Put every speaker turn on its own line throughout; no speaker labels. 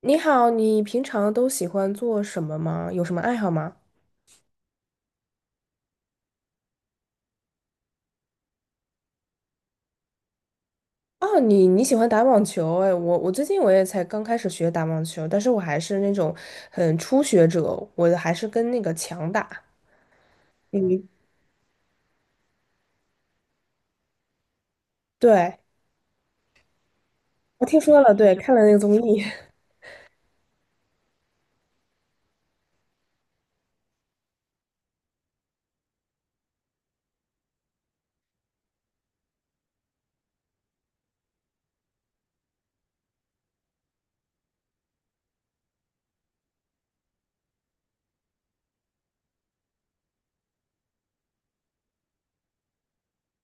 你好，你平常都喜欢做什么吗？有什么爱好吗？哦，你喜欢打网球？哎，我最近我也才刚开始学打网球，但是我还是那种很初学者，我还是跟那个强打。嗯，对，我听说了，对，看了那个综艺。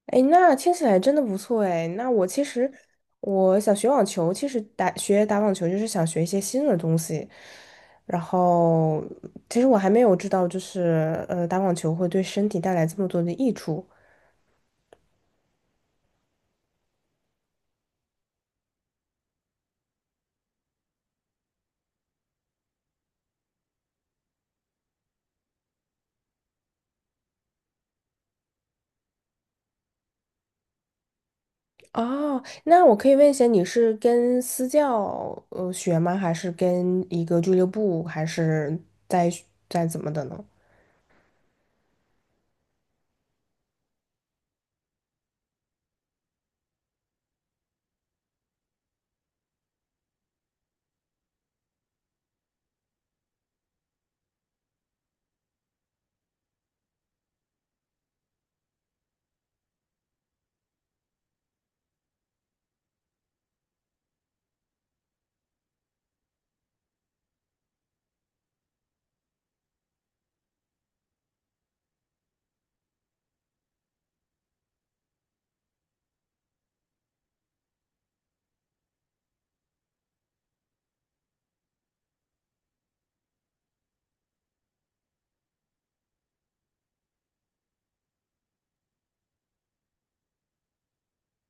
哎，那听起来真的不错哎。那我其实我想学网球，其实打学打网球就是想学一些新的东西。然后，其实我还没有知道，打网球会对身体带来这么多的益处。哦，那我可以问一下，你是跟私教学吗？还是跟一个俱乐部，还是在在怎么的呢？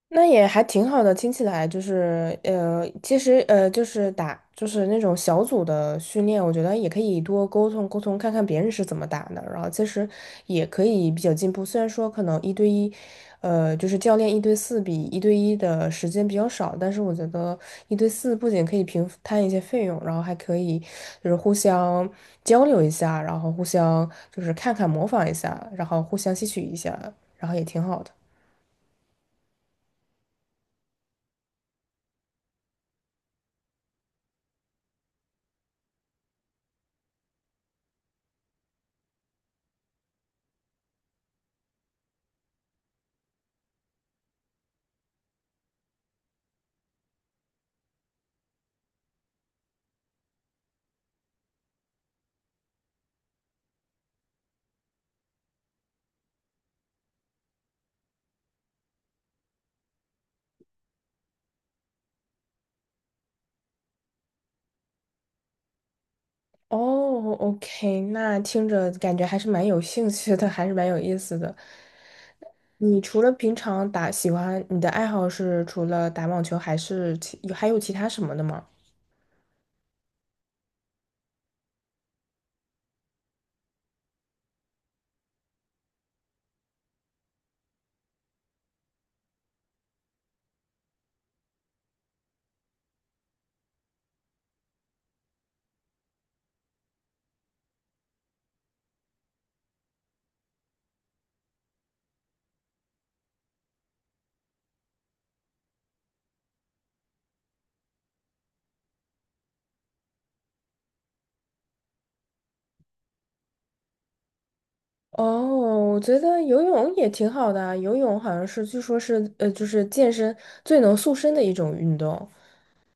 那也还挺好的，听起来就是其实就是打就是那种小组的训练，我觉得也可以多沟通沟通，看看别人是怎么打的，然后其实也可以比较进步。虽然说可能一对一，就是教练一对四比一对一的时间比较少，但是我觉得一对四不仅可以平摊一些费用，然后还可以就是互相交流一下，然后互相就是看看模仿一下，然后互相吸取一下，然后也挺好的。哦，OK，那听着感觉还是蛮有兴趣的，还是蛮有意思的。你除了平常打，喜欢你的爱好是除了打网球，还是其还有其他什么的吗？哦，我觉得游泳也挺好的啊，游泳好像是据说是就是健身最能塑身的一种运动，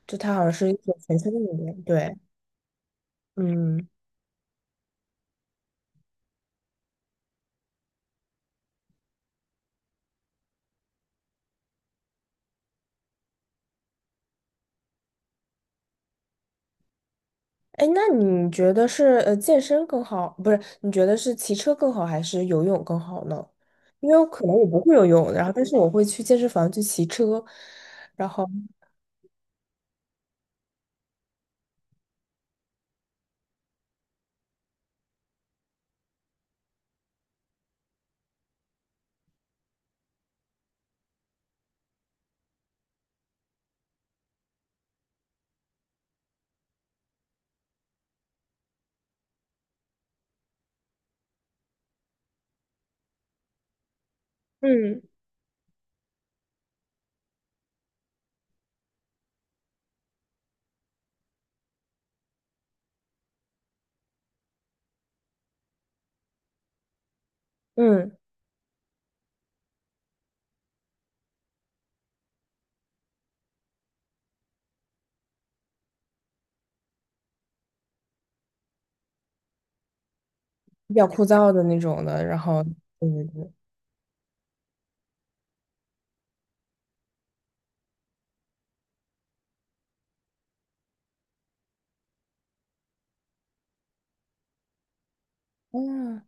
就它好像是一种全身的运动。对，嗯。哎，那你觉得是健身更好，不是？你觉得是骑车更好还是游泳更好呢？因为我可能我不会游泳，然后但是我会去健身房去骑车，然后嗯，嗯，比较枯燥的那种的，然后对对对，嗯，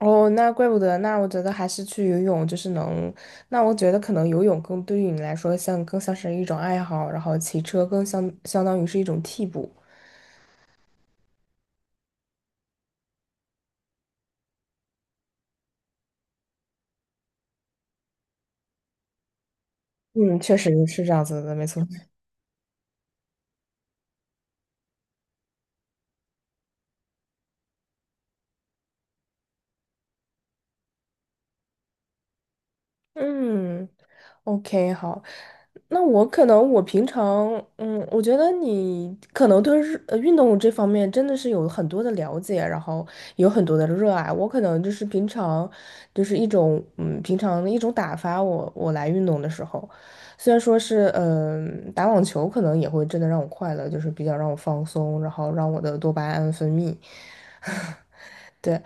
哦，那怪不得，那我觉得还是去游泳，就是能，那我觉得可能游泳更对于你来说像更像是一种爱好，然后骑车更相当于是一种替补，嗯，确实是这样子的，没错。嗯，OK，好，那我可能我平常，嗯，我觉得你可能对运动这方面真的是有很多的了解，然后有很多的热爱。我可能就是平常，就是一种嗯平常的一种打发我来运动的时候，虽然说是嗯、打网球可能也会真的让我快乐，就是比较让我放松，然后让我的多巴胺分泌。对，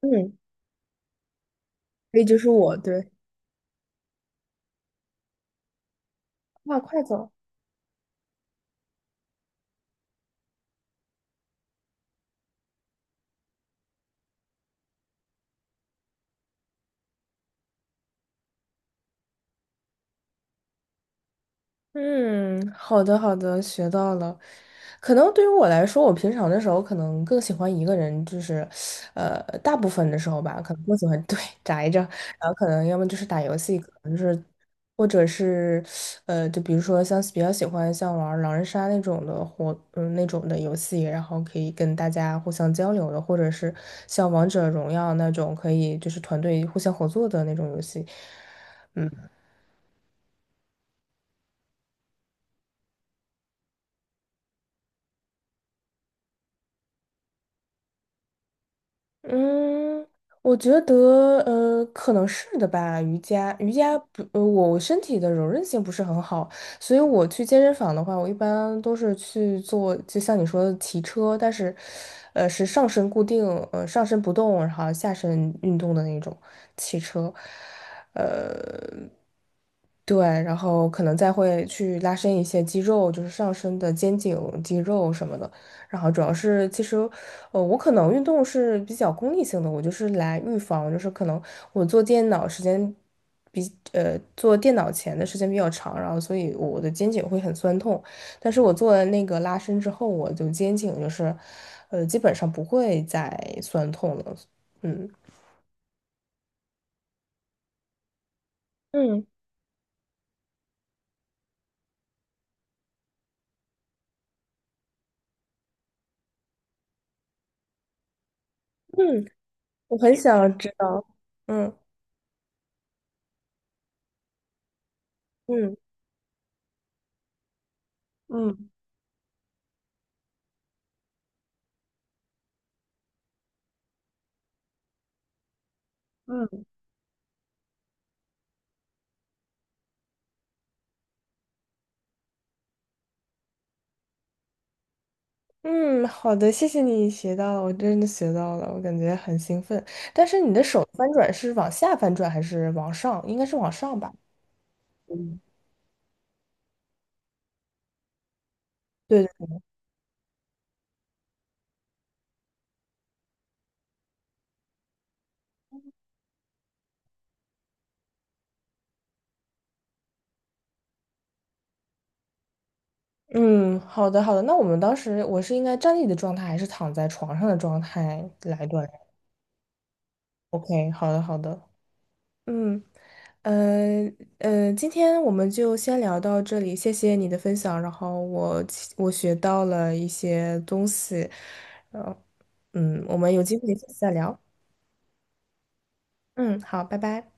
嗯，所以就是我对，那快走。嗯，好的好的，学到了。可能对于我来说，我平常的时候可能更喜欢一个人，就是，呃，大部分的时候吧，可能更喜欢 对宅着，然后可能要么就是打游戏，可能就是，或者是，呃，就比如说像比较喜欢像玩狼人杀那种的活，嗯，那种的游戏，然后可以跟大家互相交流的，或者是像王者荣耀那种可以就是团队互相合作的那种游戏。嗯，我觉得可能是的吧。瑜伽，瑜伽不，呃，我身体的柔韧性不是很好，所以我去健身房的话，我一般都是去做，就像你说的骑车，但是，呃，是上身固定，上身不动，然后下身运动的那种骑车，呃，对，然后可能再会去拉伸一些肌肉，就是上身的肩颈肌肉什么的。然后主要是其实，我可能运动是比较功利性的，我就是来预防，就是可能我做电脑时间比做电脑前的时间比较长，然后所以我的肩颈会很酸痛，但是我做了那个拉伸之后，我就肩颈就是，呃，基本上不会再酸痛了，嗯嗯嗯，我很想知道，嗯嗯。嗯嗯。嗯，好的，谢谢你学到了，我真的学到了，我感觉很兴奋。但是你的手翻转是往下翻转还是往上？应该是往上吧？对的，嗯，好的，好的。那我们当时我是应该站立的状态还是躺在床上的状态来锻炼？OK，好的，好的。嗯，呃今天我们就先聊到这里，谢谢你的分享，然后我学到了一些东西，呃，嗯，我们有机会下次再聊。嗯，好，拜拜。